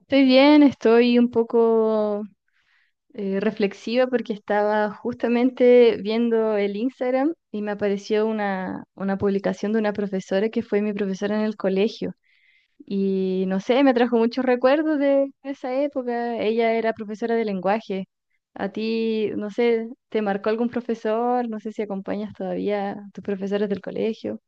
Estoy bien, estoy un poco reflexiva porque estaba justamente viendo el Instagram y me apareció una publicación de una profesora que fue mi profesora en el colegio. Y no sé, me trajo muchos recuerdos de esa época. Ella era profesora de lenguaje. A ti, no sé, ¿te marcó algún profesor? No sé si acompañas todavía a tus profesores del colegio.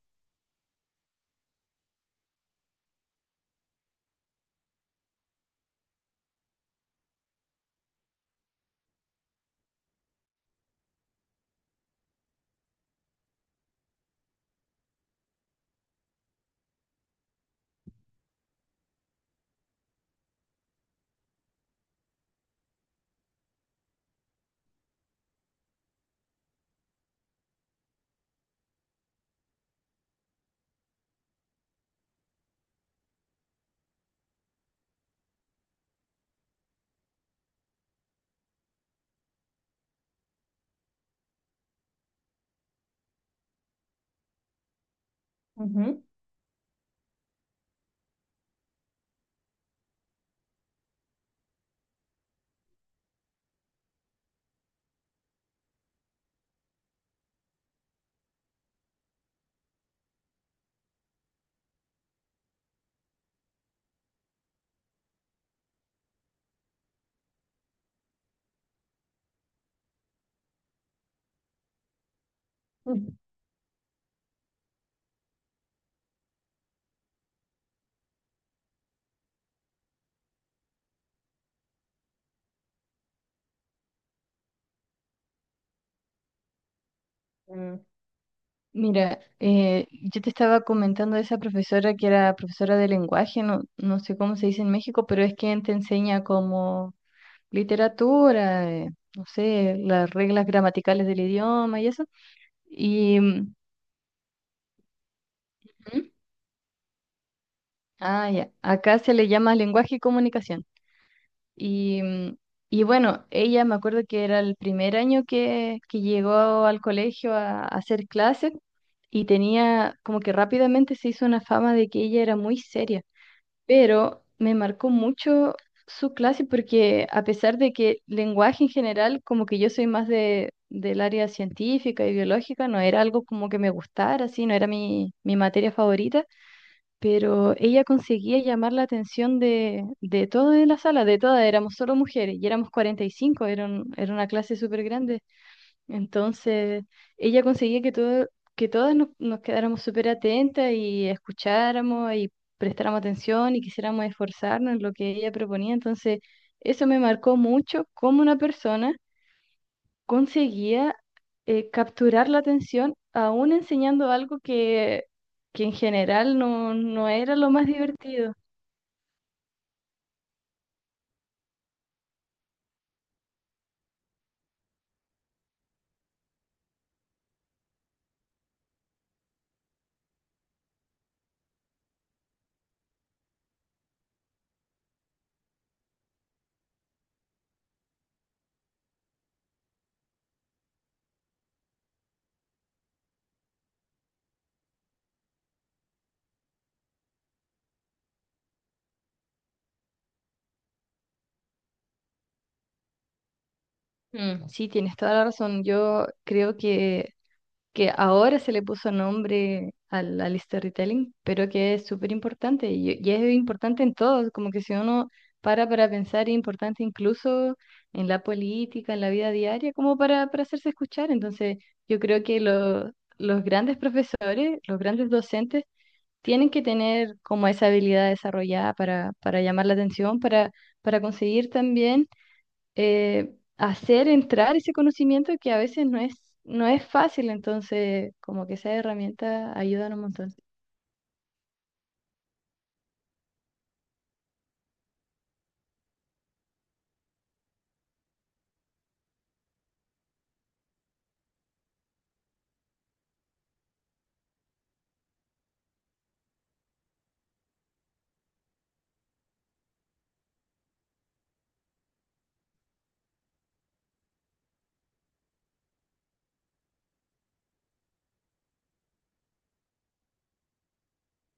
Ujú. Mm. Mira, yo te estaba comentando de esa profesora que era profesora de lenguaje, no, no sé cómo se dice en México, pero es quien te enseña como literatura, no sé, las reglas gramaticales del idioma y eso. Y, ¿mm? Ah, ya, acá se le llama lenguaje y comunicación. Y, y bueno, ella me acuerdo que era el primer año que llegó al colegio a hacer clases y tenía como que rápidamente se hizo una fama de que ella era muy seria, pero me marcó mucho su clase porque a pesar de que lenguaje en general, como que yo soy más del área científica y biológica, no era algo como que me gustara, así, no era mi materia favorita, pero ella conseguía llamar la atención de todos en la sala, de todas, éramos solo mujeres y éramos 45, era, era una clase súper grande. Entonces, ella conseguía que todo, que todas nos quedáramos súper atentas y escucháramos y prestáramos atención y quisiéramos esforzarnos en lo que ella proponía. Entonces, eso me marcó mucho cómo una persona conseguía capturar la atención aún enseñando algo que en general no, no era lo más divertido. Mm, sí, tienes toda la razón. Yo creo que ahora se le puso nombre al storytelling, pero que es súper importante y es importante en todo, como que si uno para pensar es importante incluso en la política, en la vida diaria, como para hacerse escuchar. Entonces, yo creo que los grandes profesores, los grandes docentes, tienen que tener como esa habilidad desarrollada para llamar la atención, para conseguir también hacer entrar ese conocimiento que a veces no es, no es fácil, entonces como que esas herramientas ayudan un montón.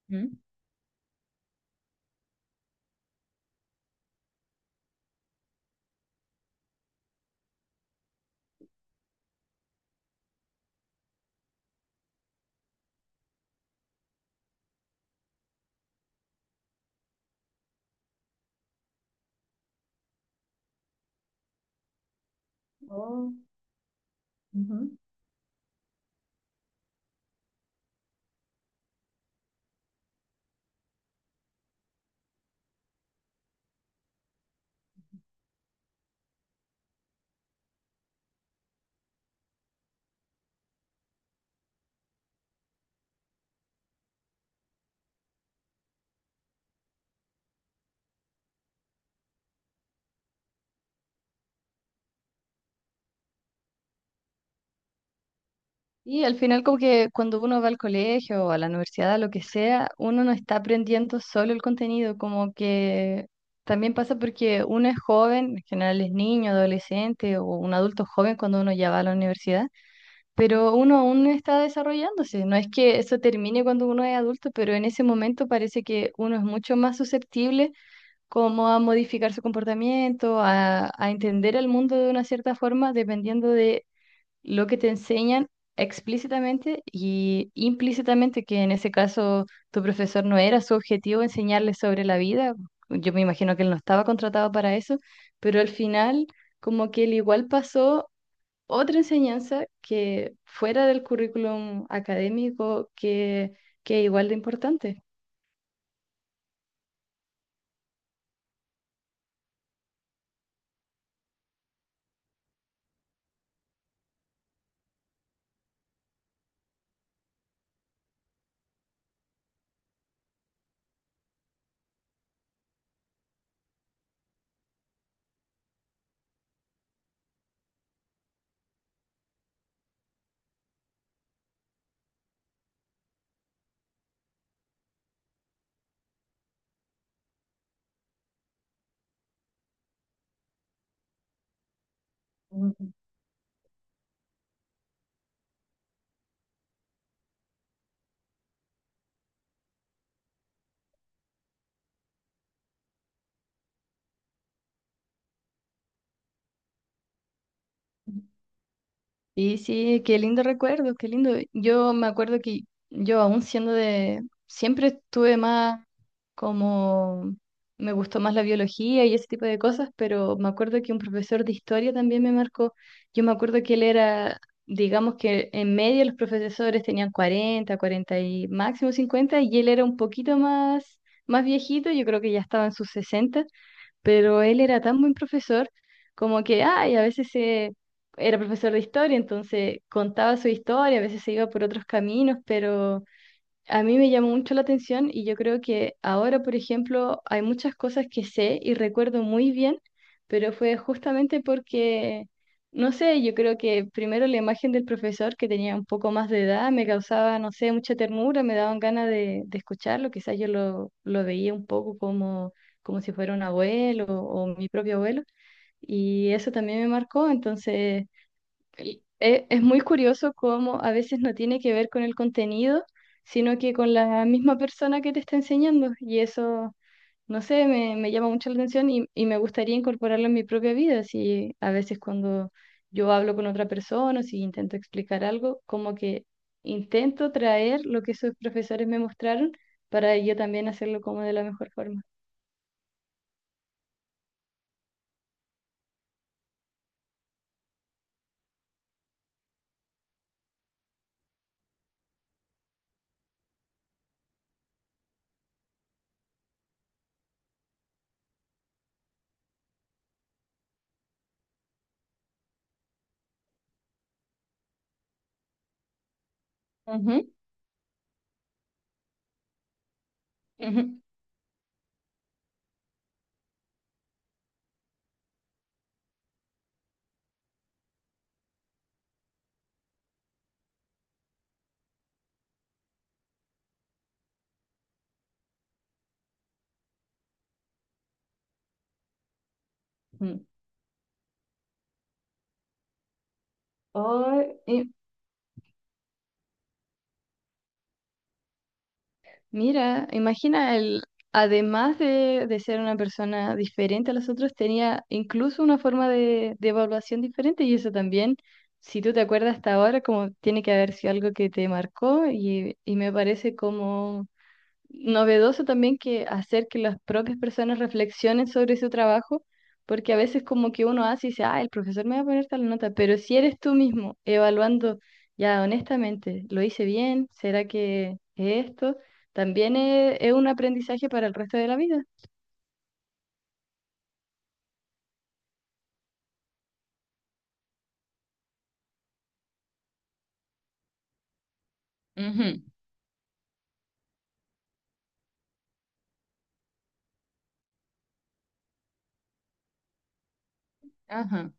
¿Mm? Oh, ujú. Y al final como que cuando uno va al colegio o a la universidad, a lo que sea, uno no está aprendiendo solo el contenido, como que también pasa porque uno es joven, en general es niño, adolescente o un adulto joven cuando uno ya va a la universidad, pero uno aún está desarrollándose. No es que eso termine cuando uno es adulto, pero en ese momento parece que uno es mucho más susceptible como a modificar su comportamiento, a entender el mundo de una cierta forma, dependiendo de lo que te enseñan explícitamente y implícitamente, que en ese caso tu profesor no era su objetivo enseñarles sobre la vida. Yo me imagino que él no estaba contratado para eso, pero al final como que él igual pasó otra enseñanza que fuera del currículum académico que es igual de importante. Ujú. Sí, sí, qué lindo recuerdo, qué lindo. Yo me acuerdo que yo aún siendo de, siempre estuve más como, me gustó más la biología y ese tipo de cosas, pero me acuerdo que un profesor de historia también me marcó. Yo me acuerdo que él era, digamos que en medio los profesores tenían 40, 40 y máximo 50 y él era un poquito más, más viejito, yo creo que ya estaba en sus sesenta, pero él era tan buen profesor como que, ay, a veces se... era profesor de historia, entonces contaba su historia, a veces se iba por otros caminos, pero a mí me llamó mucho la atención y yo creo que ahora, por ejemplo, hay muchas cosas que sé y recuerdo muy bien, pero fue justamente porque, no sé, yo creo que primero la imagen del profesor que tenía un poco más de edad me causaba, no sé, mucha ternura, me daban ganas de escucharlo, quizás yo lo veía un poco como, como si fuera un abuelo o mi propio abuelo y eso también me marcó, entonces es muy curioso cómo a veces no tiene que ver con el contenido, sino que con la misma persona que te está enseñando. Y eso, no sé, me llama mucho la atención y me gustaría incorporarlo en mi propia vida. Si a veces cuando yo hablo con otra persona, o si intento explicar algo, como que intento traer lo que esos profesores me mostraron para yo también hacerlo como de la mejor forma. Ujú, ujú, ujú. Oh, mira, imagina, el, además de ser una persona diferente a los otros, tenía incluso una forma de evaluación diferente y eso también, si tú te acuerdas hasta ahora, como tiene que haber sido algo que te marcó y me parece como novedoso también que hacer que las propias personas reflexionen sobre su trabajo, porque a veces como que uno hace y dice, ah, el profesor me va a poner tal nota, pero si eres tú mismo evaluando ya honestamente, ¿lo hice bien? ¿Será que es esto también es un aprendizaje para el resto de la vida? Ujú, ajá.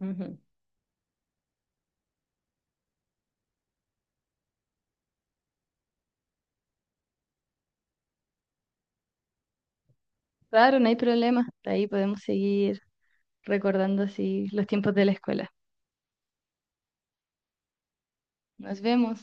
Ujú. Claro, no hay problema. De ahí podemos seguir recordando así los tiempos de la escuela. Nos vemos.